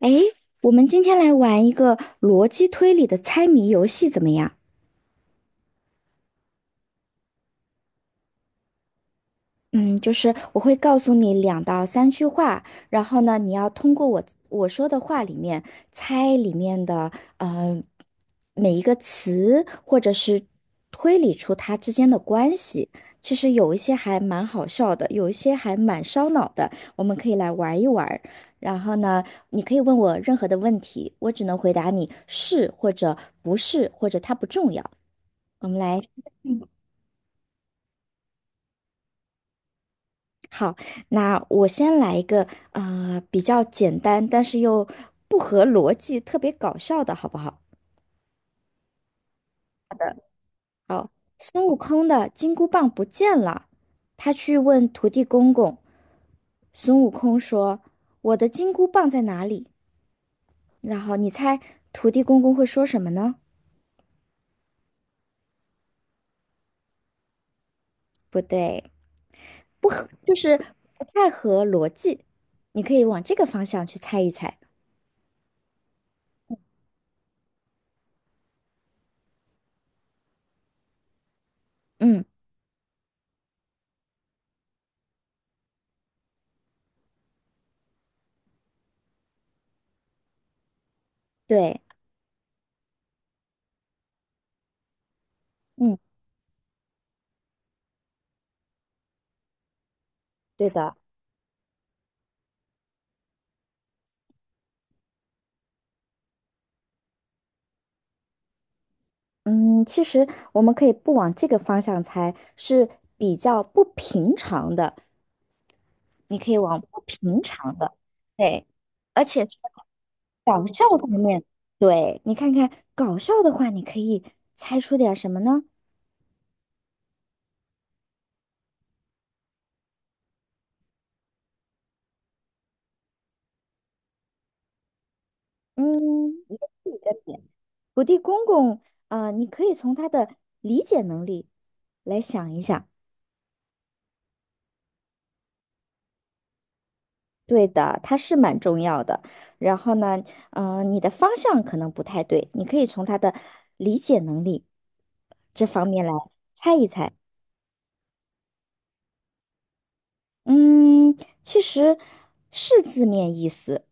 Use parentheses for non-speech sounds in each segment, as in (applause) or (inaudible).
哎，我们今天来玩一个逻辑推理的猜谜游戏，怎么样？嗯，就是我会告诉你两到三句话，然后呢，你要通过我说的话里面猜里面的每一个词，或者是推理出它之间的关系。其实有一些还蛮好笑的，有一些还蛮烧脑的，我们可以来玩一玩儿。然后呢，你可以问我任何的问题，我只能回答你是或者不是，或者它不重要。我们来好，那我先来一个比较简单，但是又不合逻辑、特别搞笑的，好不好？孙悟空的金箍棒不见了，他去问土地公公。孙悟空说："我的金箍棒在哪里？"然后你猜土地公公会说什么呢？不对，不合，就是不太合逻辑。你可以往这个方向去猜一猜。嗯，对，嗯，对的。嗯，其实我们可以不往这个方向猜，是比较不平常的。你可以往不平常的，对，而且是搞笑方面，对，你看看搞笑的话，你可以猜出点什么呢？嗯，也是一个点。土地公公，啊、你可以从他的理解能力来想一想。对的，他是蛮重要的。然后呢，你的方向可能不太对，你可以从他的理解能力这方面来猜一猜。嗯，其实是字面意思。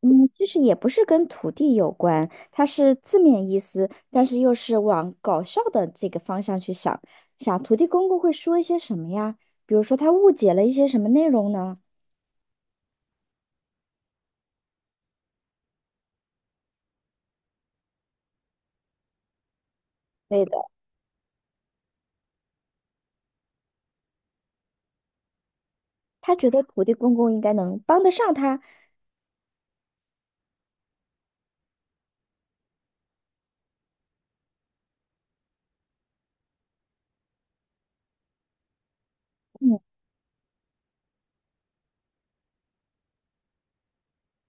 嗯，其实也不是跟土地有关，它是字面意思，但是又是往搞笑的这个方向去想。想土地公公会说一些什么呀？比如说他误解了一些什么内容呢？对的，他觉得土地公公应该能帮得上他。嗯。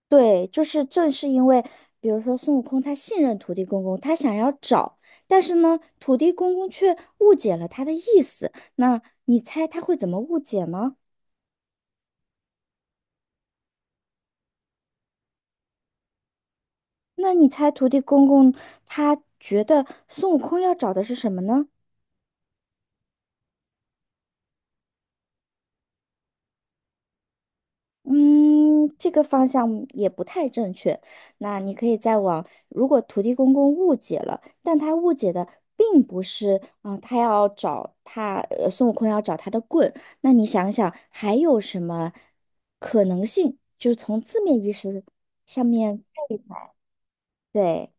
对，就是正是因为，比如说孙悟空他信任土地公公，他想要找，但是呢，土地公公却误解了他的意思。那你猜他会怎么误解呢？那你猜土地公公他觉得孙悟空要找的是什么呢？嗯，这个方向也不太正确。那你可以再往，如果土地公公误解了，但他误解的并不是啊、他要找他，孙悟空要找他的棍。那你想想，还有什么可能性？就是从字面意思上面看一看，对。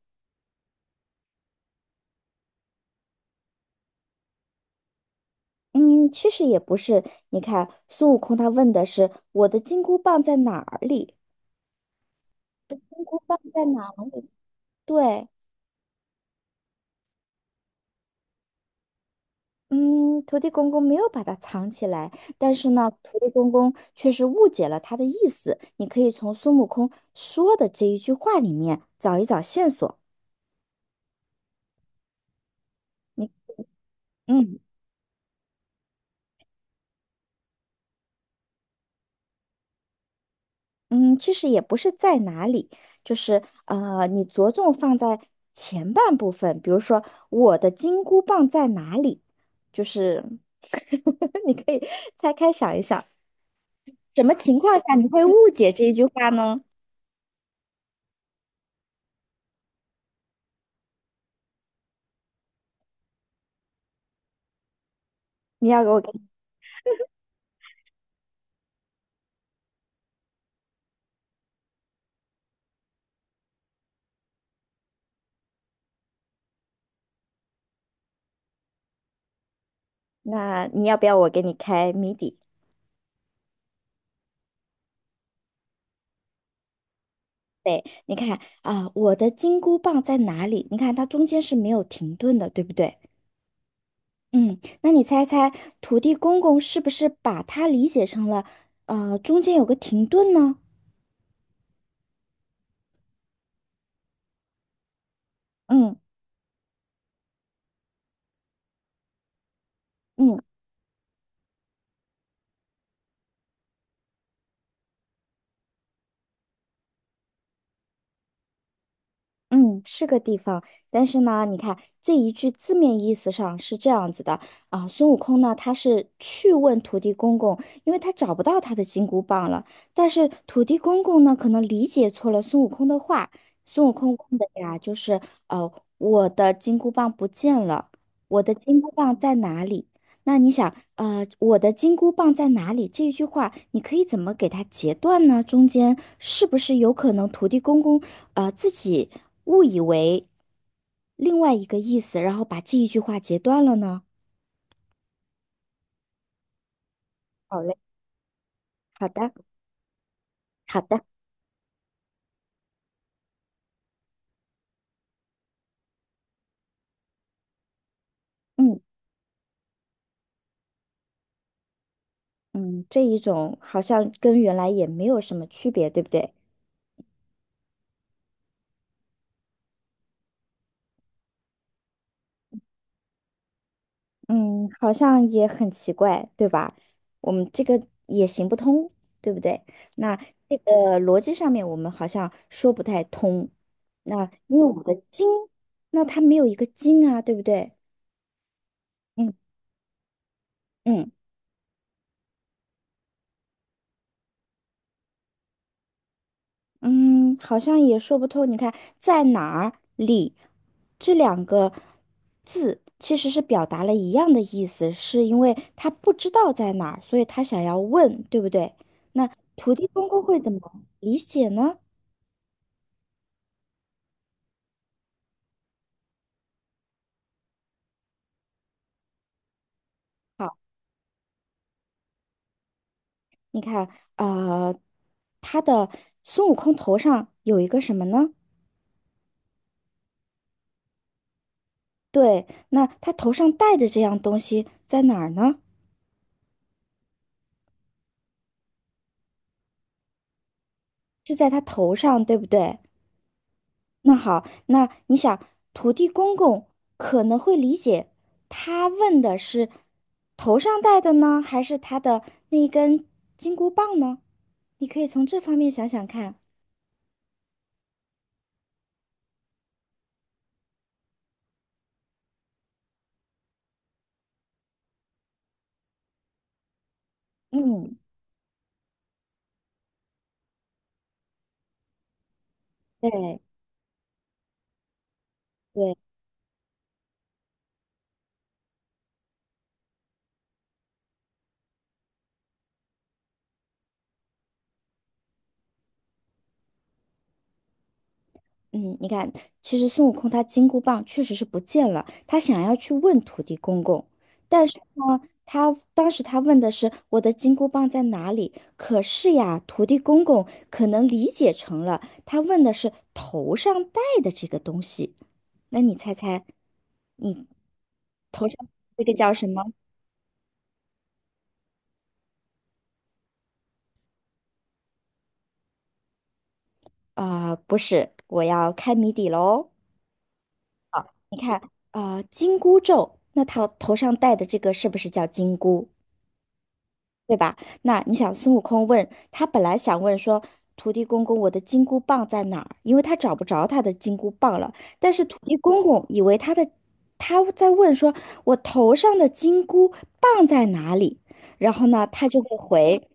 嗯，其实也不是。你看，孙悟空他问的是我的金箍棒在哪里？(laughs) 金箍棒在哪里？对，嗯，土地公公没有把它藏起来，但是呢，土地公公却是误解了他的意思。你可以从孙悟空说的这一句话里面找一找线索。你，嗯嗯，其实也不是在哪里，就是你着重放在前半部分，比如说我的金箍棒在哪里，就是 (laughs) 你可以拆开想一想，什么情况下你会误解这一句话呢？你要给我，那你要不要我给你开谜底？对，你看啊，我的金箍棒在哪里？你看它中间是没有停顿的，对不对？嗯，那你猜猜，土地公公是不是把它理解成了，中间有个停顿呢？嗯嗯，嗯，是个地方，但是呢，你看这一句字面意思上是这样子的啊，孙悟空呢，他是去问土地公公，因为他找不到他的金箍棒了。但是土地公公呢，可能理解错了孙悟空的话，孙悟空问的呀，就是呃，我的金箍棒不见了，我的金箍棒在哪里？那你想，我的金箍棒在哪里？这一句话，你可以怎么给它截断呢？中间是不是有可能土地公公？自己误以为另外一个意思，然后把这一句话截断了呢？好嘞，好的，好的，嗯嗯，这一种好像跟原来也没有什么区别，对不对？嗯，好像也很奇怪，对吧？我们这个也行不通，对不对？那这个逻辑上面我们好像说不太通。那因为我们的经，那它没有一个经啊，对不对？嗯嗯。嗯，好像也说不通。你看，在哪儿里这两个字其实是表达了一样的意思，是因为他不知道在哪儿，所以他想要问，对不对？那土地公公会怎么理解呢？好，你看，呃，他的孙悟空头上有一个什么呢？对，那他头上戴的这样东西在哪儿呢？是在他头上，对不对？那好，那你想，土地公公可能会理解，他问的是头上戴的呢，还是他的那根金箍棒呢？你可以从这方面想想看。嗯，对对，嗯，你看，其实孙悟空他金箍棒确实是不见了，他想要去问土地公公，但是呢，他当时他问的是我的金箍棒在哪里？可是呀，土地公公可能理解成了他问的是头上戴的这个东西。那你猜猜，你这个叫什么？啊、不是，我要开谜底喽。你看，啊、金箍咒，那他头上戴的这个是不是叫金箍？对吧？那你想，孙悟空问他本来想问说，土地公公，我的金箍棒在哪儿？因为他找不着他的金箍棒了。但是土地公公以为他在问说，我头上的金箍棒在哪里？然后呢，他就会回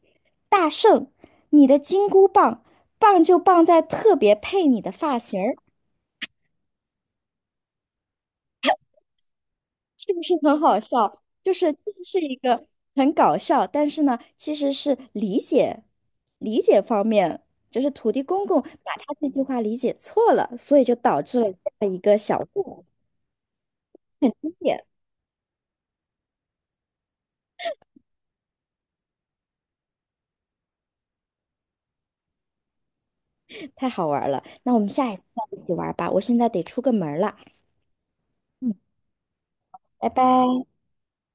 大圣，你的金箍棒棒就棒在特别配你的发型儿。是不是很好笑？就是其实是一个很搞笑，但是呢，其实是理解方面，就是土地公公把他这句话理解错了，所以就导致了这样一个小故事，太好玩了。那我们下一次再一起玩吧，我现在得出个门儿了，嗯，拜拜。